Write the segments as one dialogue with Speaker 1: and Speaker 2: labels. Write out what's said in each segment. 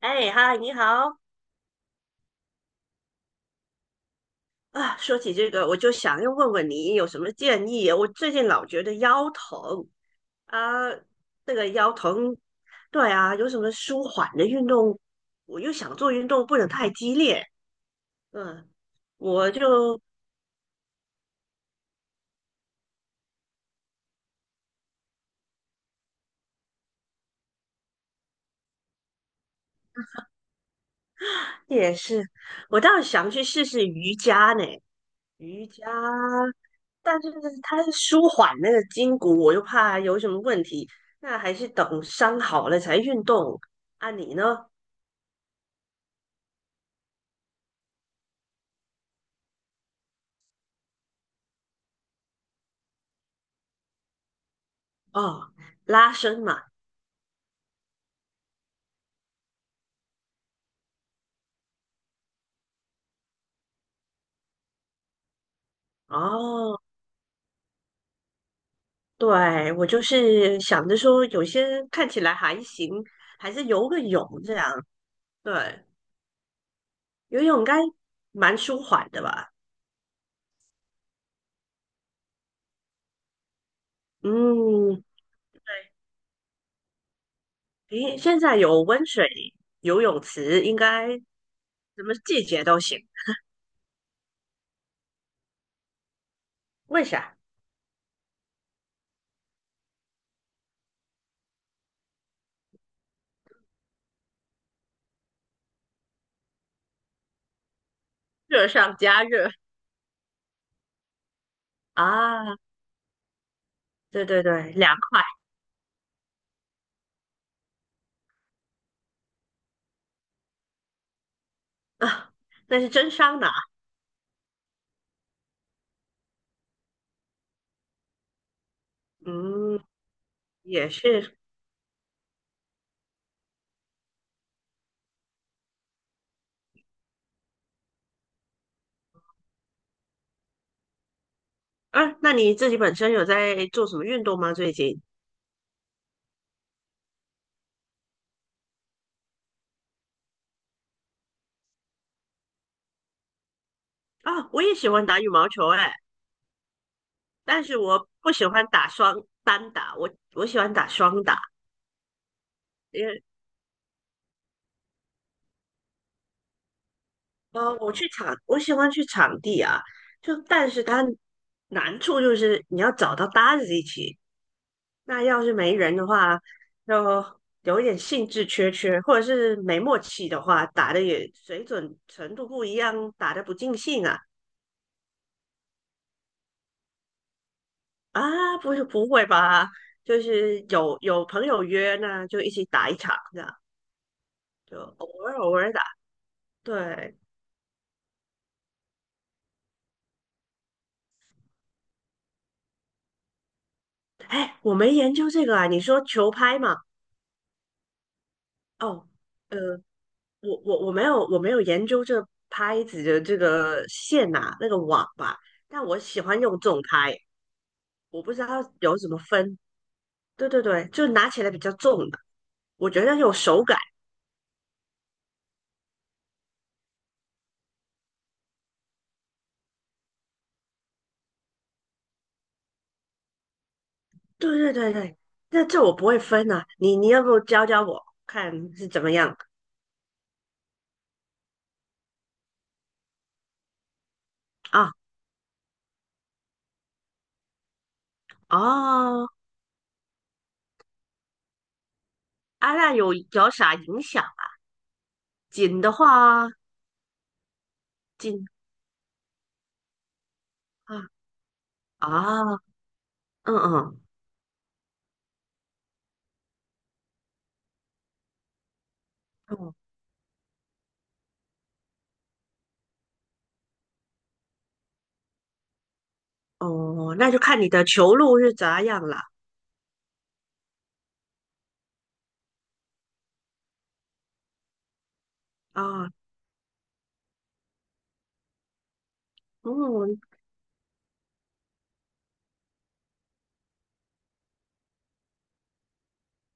Speaker 1: 哎，嗨，你好啊！说起这个，我就想要问问你有什么建议？我最近老觉得腰疼啊，这个腰疼，对啊，有什么舒缓的运动？我又想做运动，不能太激烈。嗯，我就也是，我倒是想去试试瑜伽呢，瑜伽，但是它是舒缓那个筋骨，我又怕有什么问题，那还是等伤好了才运动。啊，你呢？哦，拉伸嘛。哦，对，我就是想着说，有些看起来还行，还是游个泳这样。对，游泳应该蛮舒缓的吧？嗯，诶，现在有温水游泳池，应该什么季节都行。为啥？热上加热。啊，对对对，凉快啊，那是真桑拿。嗯，也是。啊，那你自己本身有在做什么运动吗？最近？啊，我也喜欢打羽毛球、欸，但是我不喜欢打单打，我喜欢打双打，因为我去场，我喜欢去场地啊，就但是它难处就是你要找到搭子一起，那要是没人的话，就有一点兴致缺缺，或者是没默契的话，打的也水准程度不一样，打的不尽兴啊啊，不是不会吧？就是有朋友约，那就一起打一场这样，就偶尔偶尔打，对。哎，我没研究这个啊，你说球拍嘛？哦，呃，我没有研究这拍子的这个线呐、那个网吧，但我喜欢用重拍，我不知道有什么分。对对对，就拿起来比较重的，我觉得有手感。对对对对，那这我不会分啊，你要不教教我看是怎么样啊？哦，啊，那有啥影响啊？紧的话，紧啊啊，嗯嗯。嗯哦，那就看你的球路是咋样了啊，嗯，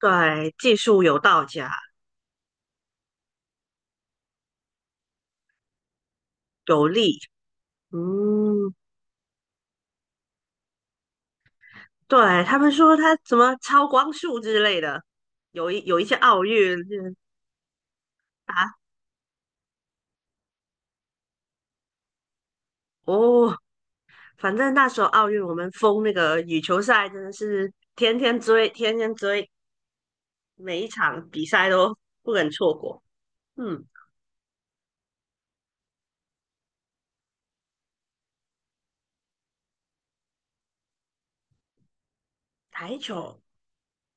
Speaker 1: 对，技术有道家，有力。嗯，对，他们说他什么超光速之类的，有一些奥运就是啊，哦，反正那时候奥运我们封那个羽球赛，真的是天天追，天天追，每一场比赛都不肯错过。嗯，台球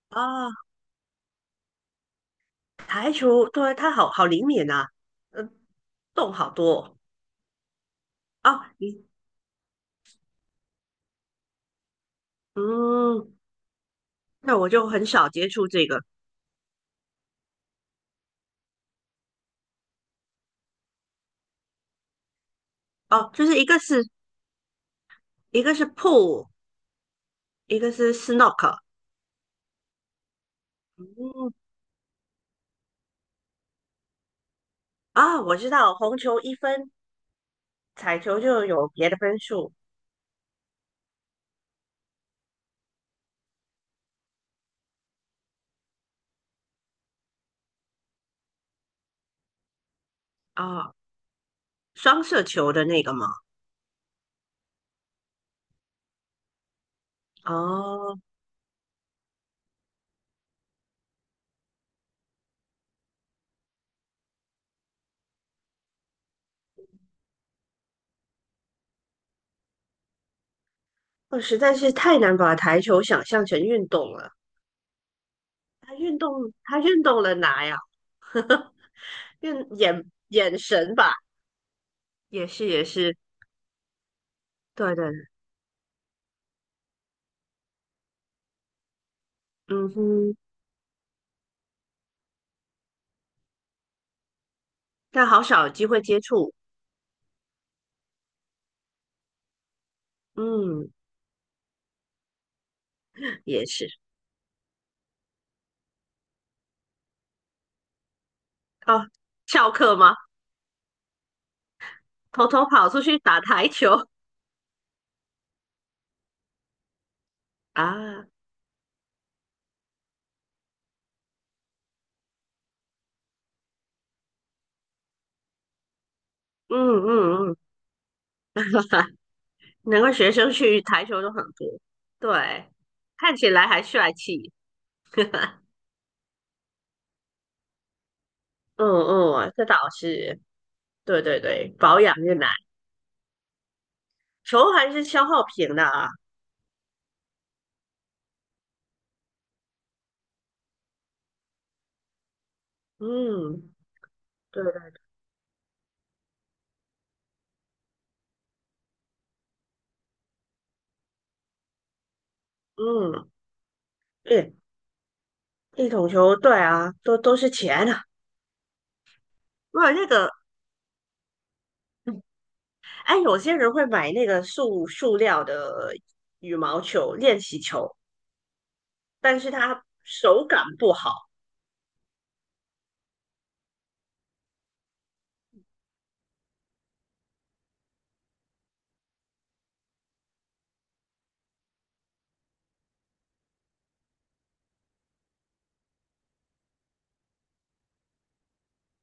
Speaker 1: 啊，台球，对，他好好灵敏啊，呃，动好多哦。嗯，那我就很少接触这个哦，就是一个是 pool,一个是 snook 嗯啊，我知道，红球一分，彩球就有别的分数啊，双色球的那个吗？哦，我实在是太难把台球想象成运动了。它运动，它运动了哪呀？运眼眼神吧，也是也是，对对，嗯哼，但好少有机会接触，嗯，也是哦，翘课吗？偷偷跑出去打台球啊，嗯嗯嗯，难怪学生去台球都很多，对，看起来还帅气，嗯嗯，这倒是，对对对，保养越难，球还是消耗品的啊，嗯，对对，嗯，对，一桶球，对啊，都是钱啊，不然那个，哎，有些人会买那个塑料的羽毛球练习球，但是他手感不好，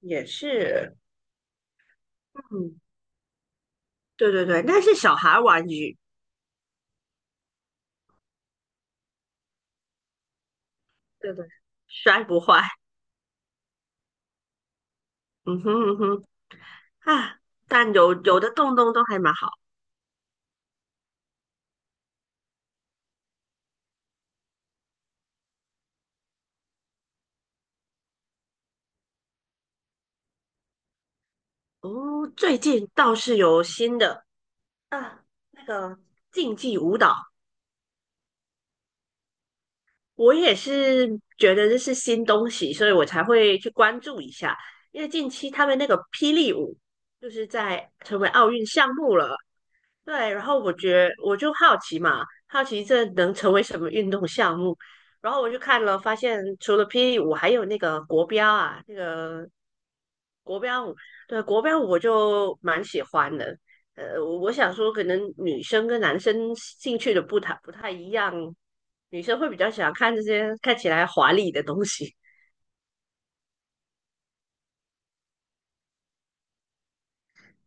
Speaker 1: 也是。嗯，对对对，那是小孩玩具，对对，摔不坏。嗯哼嗯哼啊，但有有的洞洞都还蛮好哦。最近倒是有新的啊，那个竞技舞蹈，我也是觉得这是新东西，所以我才会去关注一下。因为近期他们那个霹雳舞就是在成为奥运项目了，对，然后我觉得我就好奇嘛，好奇这能成为什么运动项目？然后我就看了，发现除了霹雳舞，还有那个国标啊，那个钢舞对国标舞我就蛮喜欢的。我想说，可能女生跟男生兴趣的不太一样，女生会比较喜欢看这些看起来华丽的东西。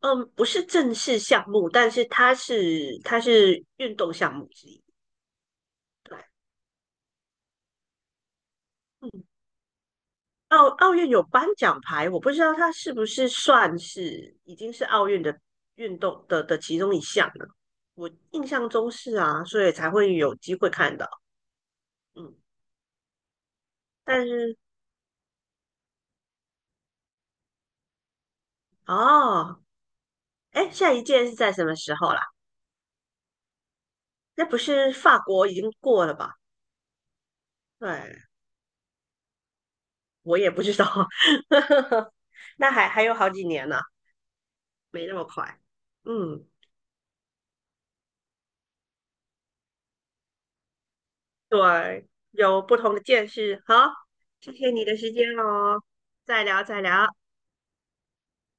Speaker 1: 嗯，不是正式项目，但是它是运动项目之一。对，嗯。奥运有颁奖牌，我不知道它是不是算是已经是奥运的运动的其中一项了。我印象中是啊，所以才会有机会看到。嗯，但是哦，哎，下一届是在什么时候啦？那不是法国已经过了吧？对，我也不知道，那还有好几年呢，没那么快。嗯，对，有不同的见识。好，谢谢你的时间哦，再聊再聊。